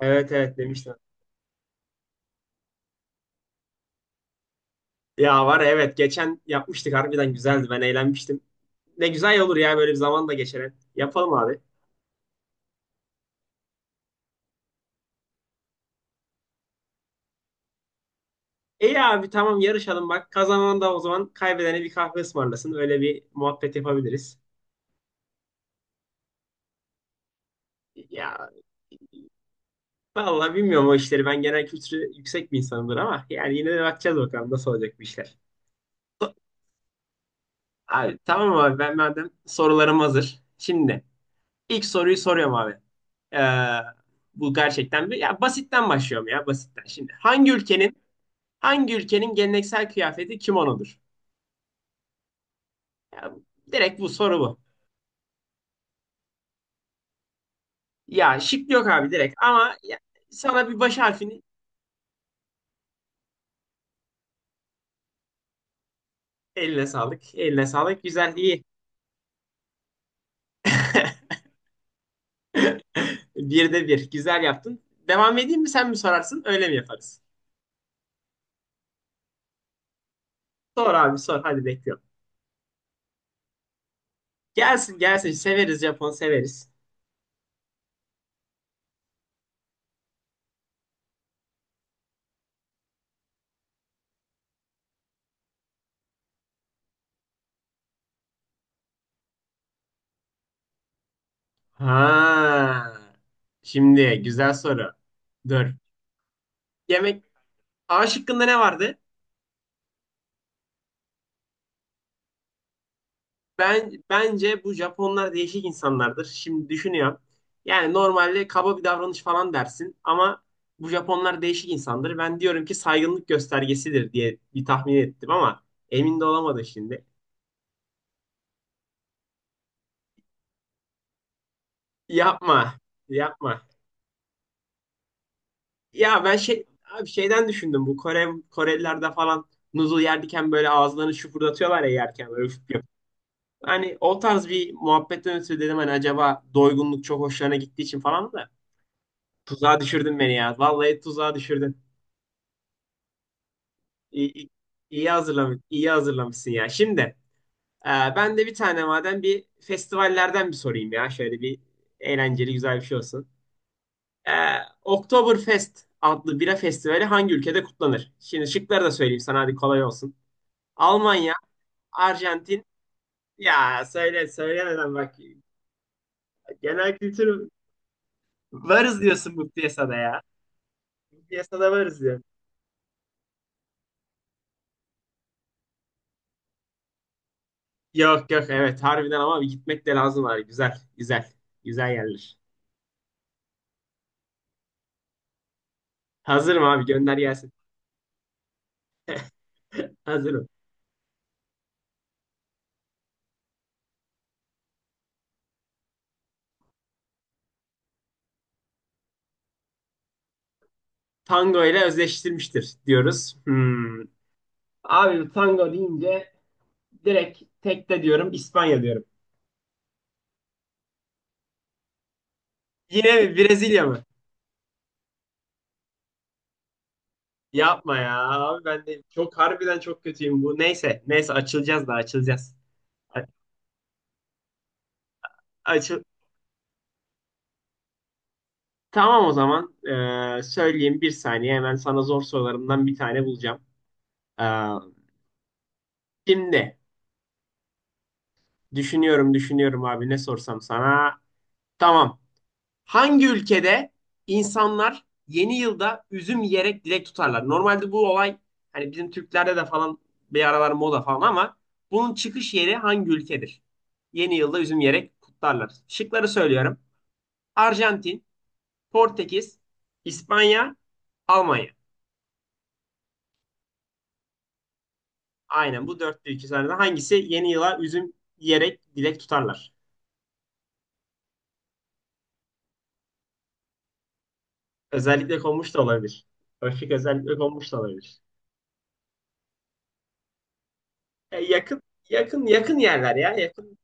Evet evet demiştim. Ya var ya, evet geçen yapmıştık harbiden güzeldi ben eğlenmiştim. Ne güzel olur ya böyle bir zaman da geçer. Yapalım abi. İyi abi tamam yarışalım bak kazanan da o zaman kaybedene bir kahve ısmarlasın öyle bir muhabbet yapabiliriz. Ya vallahi bilmiyorum o işleri ben genel kültürü yüksek bir insanımdır ama yani yine de bakacağız bakalım nasıl olacak bu işler. So- Abi tamam abi ben madem sorularım hazır. Şimdi ilk soruyu soruyorum abi. Ee, Bu gerçekten bir ya basitten başlıyorum ya basitten. Şimdi hangi ülkenin geleneksel kıyafeti kimonodur? Ya, direkt bu soru bu. Ya şık yok abi direkt ama ya, sana bir baş harfini eline sağlık. Eline sağlık. Güzel iyi. Bir de bir. Güzel yaptın. Devam edeyim mi sen mi sorarsın? Öyle mi yaparız? Sor abi sor. Hadi bekliyorum. Gelsin gelsin. Severiz Japon severiz. Ha. Şimdi güzel soru. Dur. Yemek A şıkkında ne vardı? Ben bence bu Japonlar değişik insanlardır. Şimdi düşünüyorum. Yani normalde kaba bir davranış falan dersin ama bu Japonlar değişik insandır. Ben diyorum ki saygınlık göstergesidir diye bir tahmin ettim ama emin de olamadım şimdi. Yapma, yapma. Ya ben şey abi şeyden düşündüm bu Korelilerde falan noodle yerken böyle ağızlarını şıpırdatıyorlar ya yerken böyle üf yapıp. Hani o tarz bir muhabbetten ötürü dedim hani acaba doygunluk çok hoşlarına gittiği için falan da. Tuzağa düşürdün beni ya. Vallahi tuzağa düşürdün. İyi, iyi, iyi hazırlamışsın ya. Şimdi e, ben de bir tane madem bir festivallerden bir sorayım ya. Şöyle bir eğlenceli güzel bir şey olsun. E, Oktoberfest adlı bira festivali hangi ülkede kutlanır? Şimdi şıkları da söyleyeyim sana hadi kolay olsun. Almanya, Arjantin. Ya söyle söylemeden bak. Genel kültür varız diyorsun bu piyasada ya. Bu piyasada varız. Yok yok evet harbiden ama bir gitmek de lazım abi. Güzel güzel. Güzel yerler. Hazırım abi gönder gelsin. Hazırım. Tango ile özdeştirmiştir diyoruz. Hmm. Abi tango deyince direkt tekte diyorum İspanya diyorum. Yine mi Brezilya mı? Yapma ya abi ben de çok harbiden çok kötüyüm bu. Neyse neyse açılacağız da açılacağız. A- Açıl Tamam o zaman söyleyeyim bir saniye hemen sana zor sorularımdan bir tane bulacağım. Ee, Şimdi düşünüyorum, düşünüyorum abi ne sorsam sana. Tamam. Hangi ülkede insanlar yeni yılda üzüm yiyerek dilek tutarlar? Normalde bu olay hani bizim Türklerde de falan bir aralar moda falan ama bunun çıkış yeri hangi ülkedir? Yeni yılda üzüm yiyerek kutlarlar. Şıkları söylüyorum. Arjantin, Portekiz, İspanya, Almanya. Aynen bu dörtlü iki tane hangisi yeni yıla üzüm yiyerek dilek tutarlar? Özellikle konmuş da olabilir. O özellikle konmuş da olabilir. Ya yakın yakın yakın yerler ya. Yakın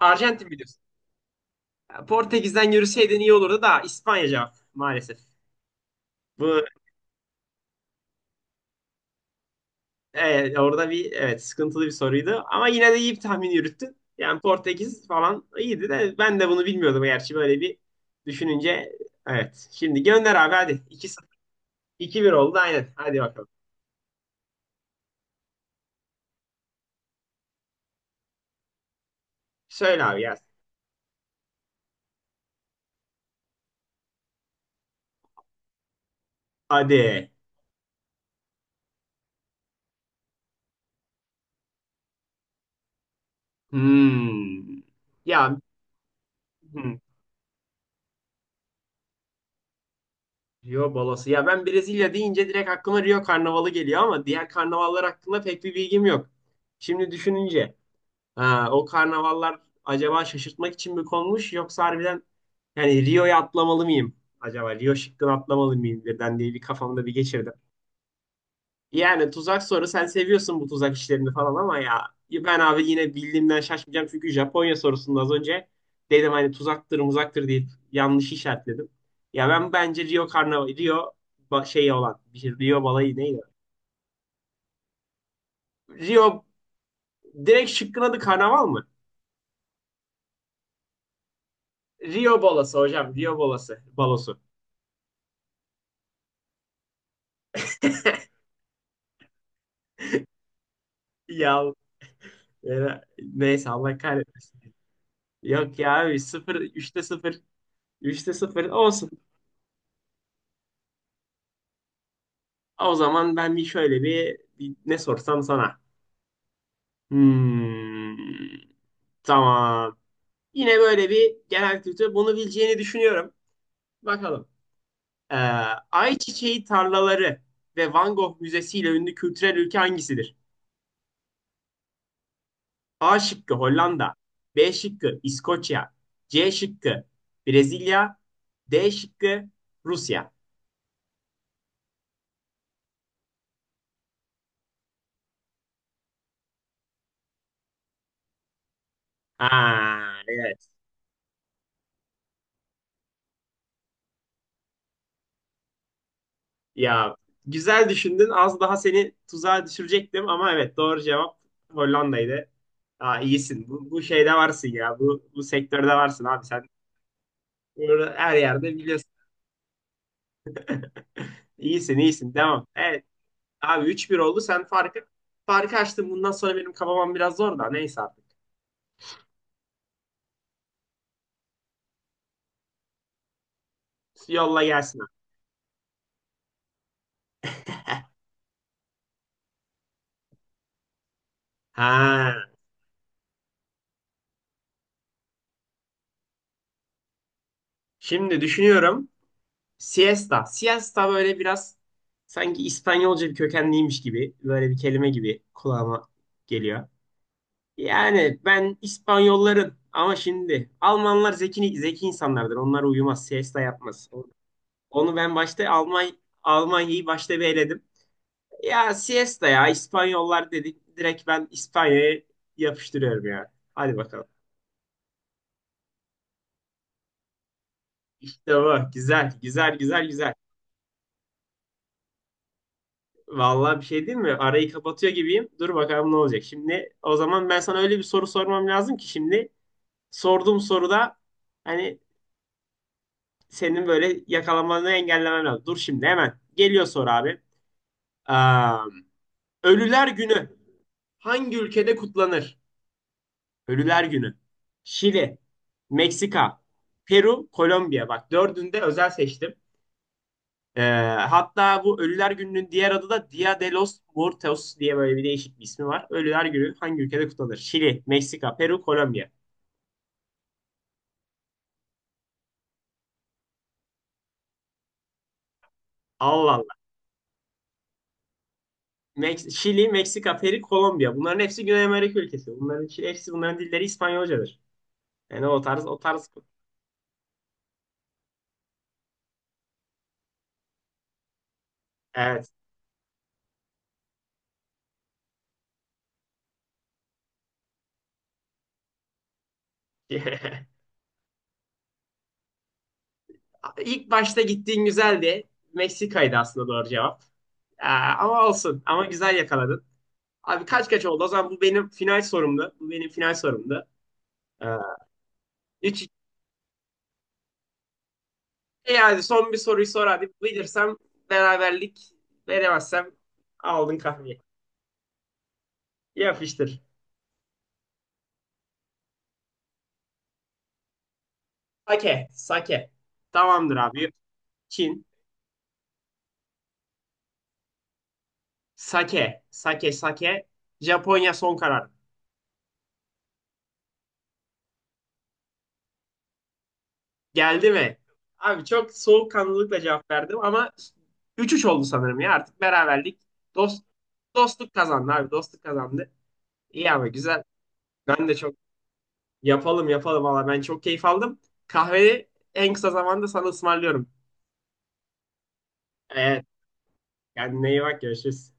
Arjantin biliyorsun. Ya Portekiz'den yürüseydin iyi olurdu da İspanya cevap maalesef. Bu evet, Orada bir, evet, sıkıntılı bir soruydu ama yine de iyi bir tahmin yürüttün. Yani Portekiz falan iyiydi de ben de bunu bilmiyordum gerçi böyle bir düşününce evet. Şimdi gönder abi hadi. 2-0 2-1 oldu aynen. Hadi bakalım. Söyle abi gelsin. Hadi. Hmm. Ya hmm. Rio balası. Ya ben Brezilya deyince direkt aklıma Rio Karnavalı geliyor ama diğer karnavallar hakkında pek bir bilgim yok. Şimdi düşününce ha, o karnavallar acaba şaşırtmak için mi konmuş yoksa harbiden yani Rio'ya atlamalı mıyım? Acaba Rio şıkkını atlamalı mıyım diye ben de bir kafamda bir geçirdim. Yani tuzak soru sen seviyorsun bu tuzak işlerini falan ama ya ben abi yine bildiğimden şaşmayacağım çünkü Japonya sorusunda az önce dedim hani tuzaktır muzaktır deyip yanlış işaretledim. Ya ben bence Rio Karnaval Rio şey olan bir şey Rio balayı neydi? Rio Direkt şıkkın adı karnaval mı? Rio balası hocam Rio balası balosu. Ya neyse Allah kahretmesin. Yok ya abi sıfır üçte sıfır üçte sıfır olsun. O zaman ben bir şöyle bir ne sorsam sana. Hmm, tamam. Yine böyle bir genel kültür. Bunu bileceğini düşünüyorum. Bakalım. Ee, Ayçiçeği tarlaları ve Van Gogh Müzesi ile ünlü kültürel ülke hangisidir? A şıkkı Hollanda, B şıkkı İskoçya, C şıkkı Brezilya, D şıkkı Rusya. Aa, evet. Ya güzel düşündün. Az daha seni tuzağa düşürecektim ama evet doğru cevap Hollanda'ydı. Aa, iyisin. Bu şeyde varsın ya. Bu sektörde varsın abi sen. Bunu her yerde biliyorsun. İyisin iyisin. Devam. Evet abi üç bir oldu. Sen farkı açtın. Bundan sonra benim kafamam biraz zor da. Neyse artık. Yolla gelsin abi. Ha. Şimdi düşünüyorum. Siesta. Siesta böyle biraz sanki İspanyolca bir kökenliymiş gibi. Böyle bir kelime gibi kulağıma geliyor. Yani ben İspanyolların ama şimdi Almanlar zeki zeki insanlardır. Onlar uyumaz, siesta yapmaz. Onu ben başta Almanya'yı başta bir eledim. Ya siesta ya İspanyollar dedik. Direkt ben İspanya'ya yapıştırıyorum ya. Hadi bakalım. İşte bu. Güzel, güzel, güzel, güzel. Vallahi bir şey değil mi? Arayı kapatıyor gibiyim. Dur bakalım ne olacak. Şimdi o zaman ben sana öyle bir soru sormam lazım ki şimdi sorduğum soruda hani senin böyle yakalanmanı engellemen lazım. Dur şimdi hemen. Geliyor soru abi. Am, Ölüler Günü hangi ülkede kutlanır? Ölüler Günü. Şili, Meksika, Peru, Kolombiya. Bak dördünde özel seçtim. Ee, Hatta bu Ölüler Günü'nün diğer adı da Dia de los Muertos diye böyle bir değişik bir ismi var. Ölüler Günü hangi ülkede kutlanır? Şili, Meksika, Peru, Kolombiya. Allah Allah. Şili, Meksika, Peru, Kolombiya. Bunların hepsi Güney Amerika ülkesi. Bunların hepsi bunların dilleri İspanyolcadır. Yani o tarz o tarz. Evet. İlk başta gittiğin güzeldi. Meksika'ydı aslında doğru cevap. Ama olsun. Ama güzel yakaladın. Abi kaç kaç oldu? O zaman bu benim final sorumdu. Bu benim final sorumdu. Ee, 3 Yani son bir soruyu sor hadi. Bilirsem beraberlik, veremezsem aldın kahveyi. Yapıştır. Sake. Sake. Tamamdır abi. Çin. Sake. Sake. Sake. Japonya son karar. Geldi mi? Abi çok soğukkanlılıkla cevap verdim ama 3-3 oldu sanırım ya artık beraberlik. Dost, Dostluk kazandı abi dostluk kazandı. İyi ama güzel. Ben de çok yapalım yapalım valla ben çok keyif aldım. Kahveyi en kısa zamanda sana ısmarlıyorum. Evet kendine iyi bak görüşürüz.